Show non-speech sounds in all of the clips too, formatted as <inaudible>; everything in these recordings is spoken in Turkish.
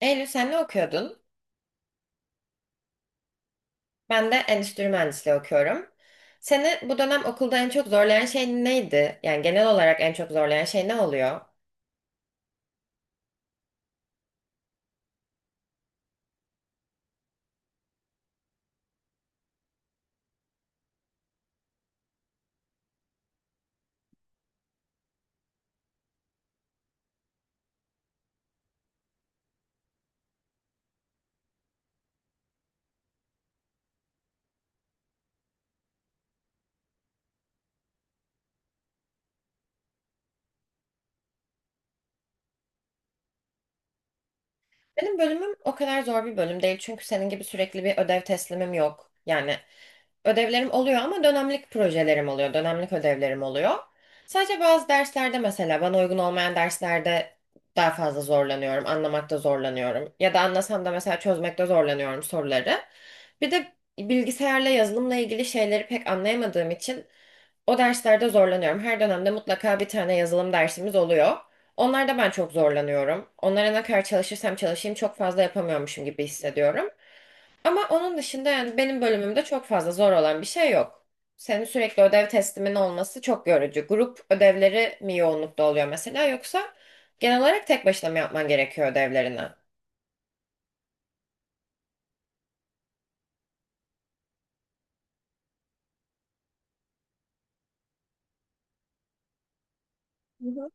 Eylül sen ne okuyordun? Ben de endüstri mühendisliği okuyorum. Seni bu dönem okulda en çok zorlayan şey neydi? Yani genel olarak en çok zorlayan şey ne oluyor? Benim bölümüm o kadar zor bir bölüm değil çünkü senin gibi sürekli bir ödev teslimim yok. Yani ödevlerim oluyor ama dönemlik projelerim oluyor, dönemlik ödevlerim oluyor. Sadece bazı derslerde mesela bana uygun olmayan derslerde daha fazla zorlanıyorum, anlamakta zorlanıyorum. Ya da anlasam da mesela çözmekte zorlanıyorum soruları. Bir de bilgisayarla yazılımla ilgili şeyleri pek anlayamadığım için o derslerde zorlanıyorum. Her dönemde mutlaka bir tane yazılım dersimiz oluyor. Onlarda ben çok zorlanıyorum. Onlara ne kadar çalışırsam çalışayım çok fazla yapamıyormuşum gibi hissediyorum. Ama onun dışında yani benim bölümümde çok fazla zor olan bir şey yok. Senin sürekli ödev teslimin olması çok yorucu. Grup ödevleri mi yoğunlukta oluyor mesela yoksa genel olarak tek başına mı yapman gerekiyor ödevlerini? Hı hı.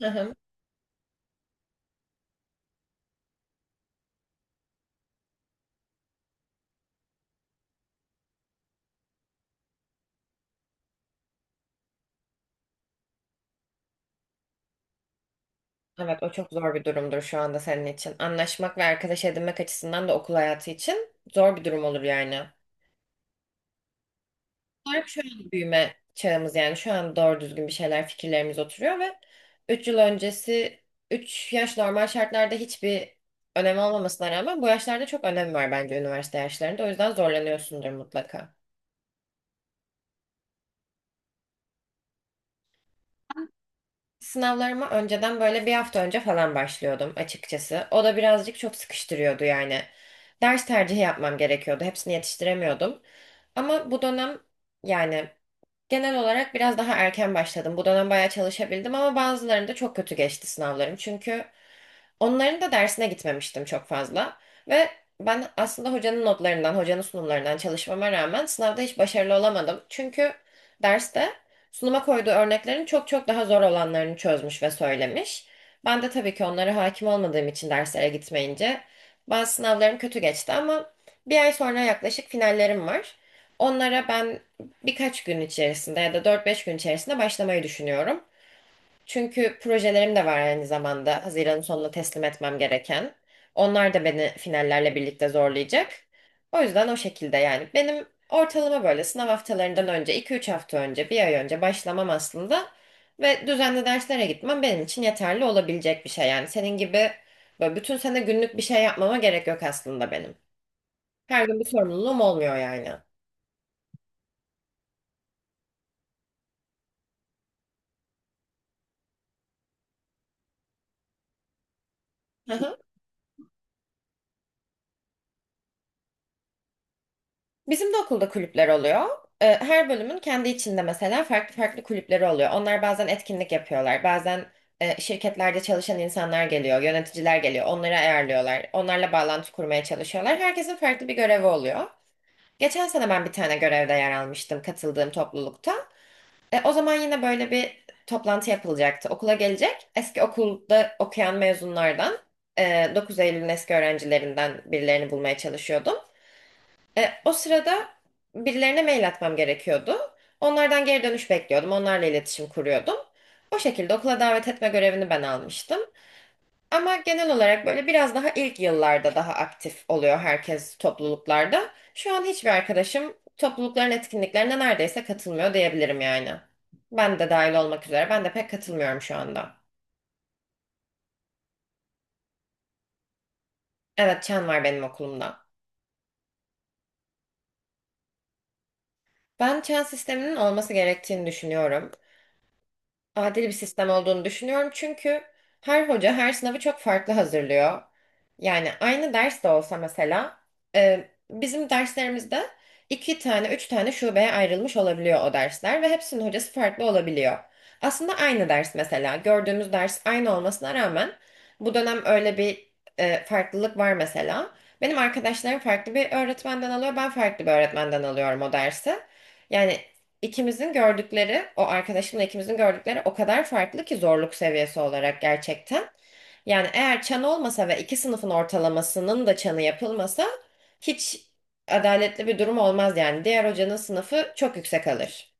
Hı hı. Evet, o çok zor bir durumdur şu anda senin için. Anlaşmak ve arkadaş edinmek açısından da okul hayatı için zor bir durum olur yani. Olarak şöyle bir büyüme çağımız, yani şu an doğru düzgün bir şeyler fikirlerimiz oturuyor ve 3 yıl öncesi 3 yaş normal şartlarda hiçbir önemi olmamasına rağmen bu yaşlarda çok önem var bence üniversite yaşlarında. O yüzden zorlanıyorsundur mutlaka. Sınavlarıma önceden böyle bir hafta önce falan başlıyordum açıkçası. O da birazcık çok sıkıştırıyordu yani. Ders tercihi yapmam gerekiyordu. Hepsini yetiştiremiyordum. Ama bu dönem, yani genel olarak biraz daha erken başladım. Bu dönem bayağı çalışabildim ama bazılarında çok kötü geçti sınavlarım. Çünkü onların da dersine gitmemiştim çok fazla. Ve ben aslında hocanın notlarından, hocanın sunumlarından çalışmama rağmen sınavda hiç başarılı olamadım. Çünkü derste sunuma koyduğu örneklerin çok çok daha zor olanlarını çözmüş ve söylemiş. Ben de tabii ki onlara hakim olmadığım için derslere gitmeyince bazı sınavlarım kötü geçti ama bir ay sonra yaklaşık finallerim var. Onlara ben birkaç gün içerisinde ya da dört beş gün içerisinde başlamayı düşünüyorum. Çünkü projelerim de var aynı zamanda. Haziran'ın sonunda teslim etmem gereken. Onlar da beni finallerle birlikte zorlayacak. O yüzden o şekilde yani. Benim ortalama böyle sınav haftalarından önce, iki üç hafta önce, bir ay önce başlamam aslında. Ve düzenli derslere gitmem benim için yeterli olabilecek bir şey. Yani senin gibi böyle bütün sene günlük bir şey yapmama gerek yok aslında benim. Her gün bir sorumluluğum olmuyor yani. <laughs> Bizim de okulda kulüpler oluyor. Her bölümün kendi içinde mesela farklı farklı kulüpleri oluyor. Onlar bazen etkinlik yapıyorlar. Bazen şirketlerde çalışan insanlar geliyor, yöneticiler geliyor. Onları ayarlıyorlar. Onlarla bağlantı kurmaya çalışıyorlar. Herkesin farklı bir görevi oluyor. Geçen sene ben bir tane görevde yer almıştım katıldığım toplulukta. O zaman yine böyle bir toplantı yapılacaktı. Okula gelecek eski okulda okuyan mezunlardan, 9 Eylül'ün eski öğrencilerinden birilerini bulmaya çalışıyordum. O sırada birilerine mail atmam gerekiyordu. Onlardan geri dönüş bekliyordum. Onlarla iletişim kuruyordum. O şekilde okula davet etme görevini ben almıştım. Ama genel olarak böyle biraz daha ilk yıllarda daha aktif oluyor herkes topluluklarda. Şu an hiçbir arkadaşım toplulukların etkinliklerine neredeyse katılmıyor diyebilirim yani. Ben de dahil olmak üzere. Ben de pek katılmıyorum şu anda. Evet, çan var benim okulumda. Ben çan sisteminin olması gerektiğini düşünüyorum. Adil bir sistem olduğunu düşünüyorum. Çünkü her hoca her sınavı çok farklı hazırlıyor. Yani aynı ders de olsa mesela bizim derslerimizde iki tane, üç tane şubeye ayrılmış olabiliyor o dersler ve hepsinin hocası farklı olabiliyor. Aslında aynı ders mesela gördüğümüz ders aynı olmasına rağmen bu dönem öyle bir farklılık var mesela. Benim arkadaşlarım farklı bir öğretmenden alıyor, ben farklı bir öğretmenden alıyorum o dersi. Yani İkimizin gördükleri, o arkadaşımla ikimizin gördükleri o kadar farklı ki zorluk seviyesi olarak gerçekten. Yani eğer çan olmasa ve iki sınıfın ortalamasının da çanı yapılmasa hiç adaletli bir durum olmaz yani. Diğer hocanın sınıfı çok yüksek alır.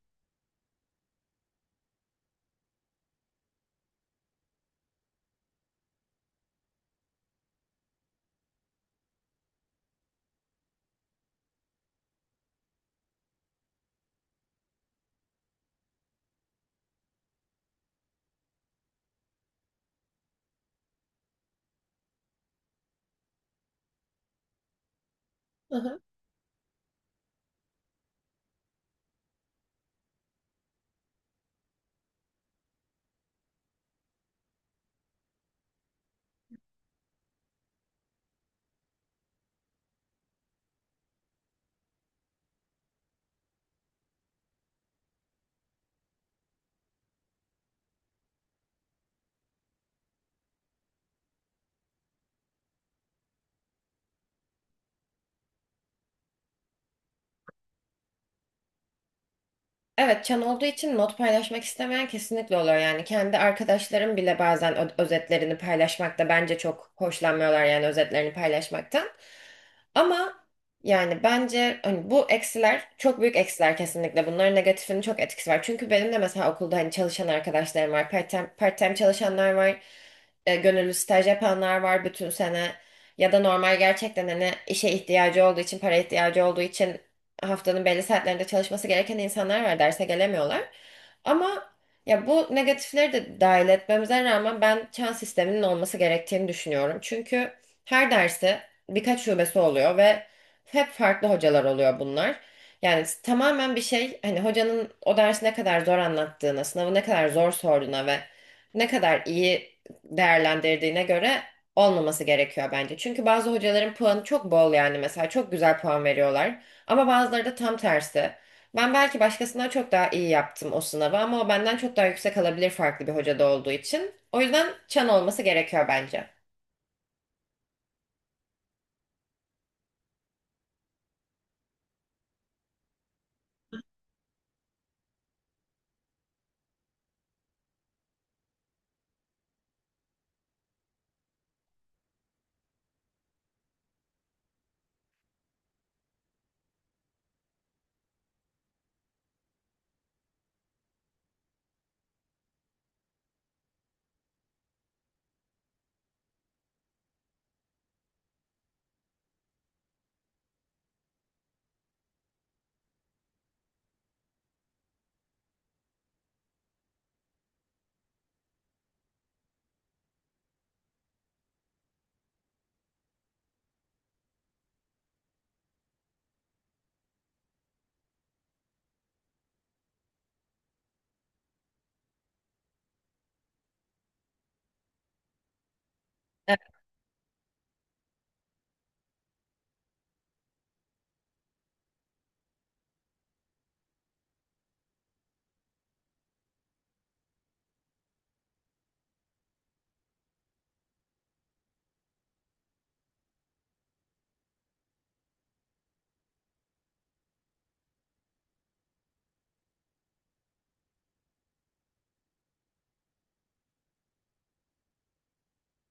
Hı hı. Evet, çan olduğu için not paylaşmak istemeyen kesinlikle oluyor yani. Kendi arkadaşlarım bile bazen özetlerini paylaşmakta bence çok hoşlanmıyorlar, yani özetlerini paylaşmaktan. Ama yani bence hani bu eksiler çok büyük eksiler kesinlikle. Bunların negatifinin çok etkisi var. Çünkü benim de mesela okulda hani çalışan arkadaşlarım var. Part-time çalışanlar var, gönüllü staj yapanlar var bütün sene ya da normal gerçekten hani işe ihtiyacı olduğu için, para ihtiyacı olduğu için haftanın belli saatlerinde çalışması gereken insanlar var, derse gelemiyorlar. Ama ya bu negatifleri de dahil etmemize rağmen ben çan sisteminin olması gerektiğini düşünüyorum. Çünkü her dersi birkaç şubesi oluyor ve hep farklı hocalar oluyor bunlar. Yani tamamen bir şey hani hocanın o dersi ne kadar zor anlattığına, sınavı ne kadar zor sorduğuna ve ne kadar iyi değerlendirdiğine göre olmaması gerekiyor bence. Çünkü bazı hocaların puanı çok bol yani, mesela çok güzel puan veriyorlar ama bazıları da tam tersi. Ben belki başkasından çok daha iyi yaptım o sınavı ama o benden çok daha yüksek alabilir farklı bir hocada olduğu için. O yüzden çan olması gerekiyor bence.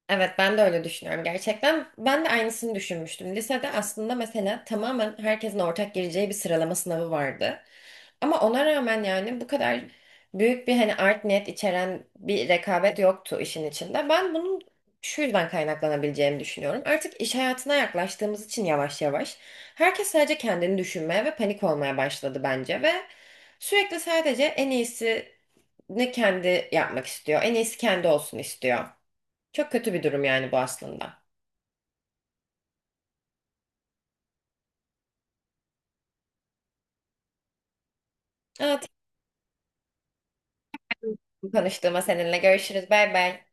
Evet, ben de öyle düşünüyorum gerçekten. Ben de aynısını düşünmüştüm. Lisede aslında mesela tamamen herkesin ortak gireceği bir sıralama sınavı vardı. Ama ona rağmen yani bu kadar büyük bir hani art niyet içeren bir rekabet yoktu işin içinde. Ben bunun şu yüzden kaynaklanabileceğini düşünüyorum. Artık iş hayatına yaklaştığımız için yavaş yavaş herkes sadece kendini düşünmeye ve panik olmaya başladı bence ve sürekli sadece en iyisini kendi yapmak istiyor, en iyisi kendi olsun istiyor. Çok kötü bir durum yani bu aslında. Evet, tanıştığıma seninle görüşürüz. Bay bay.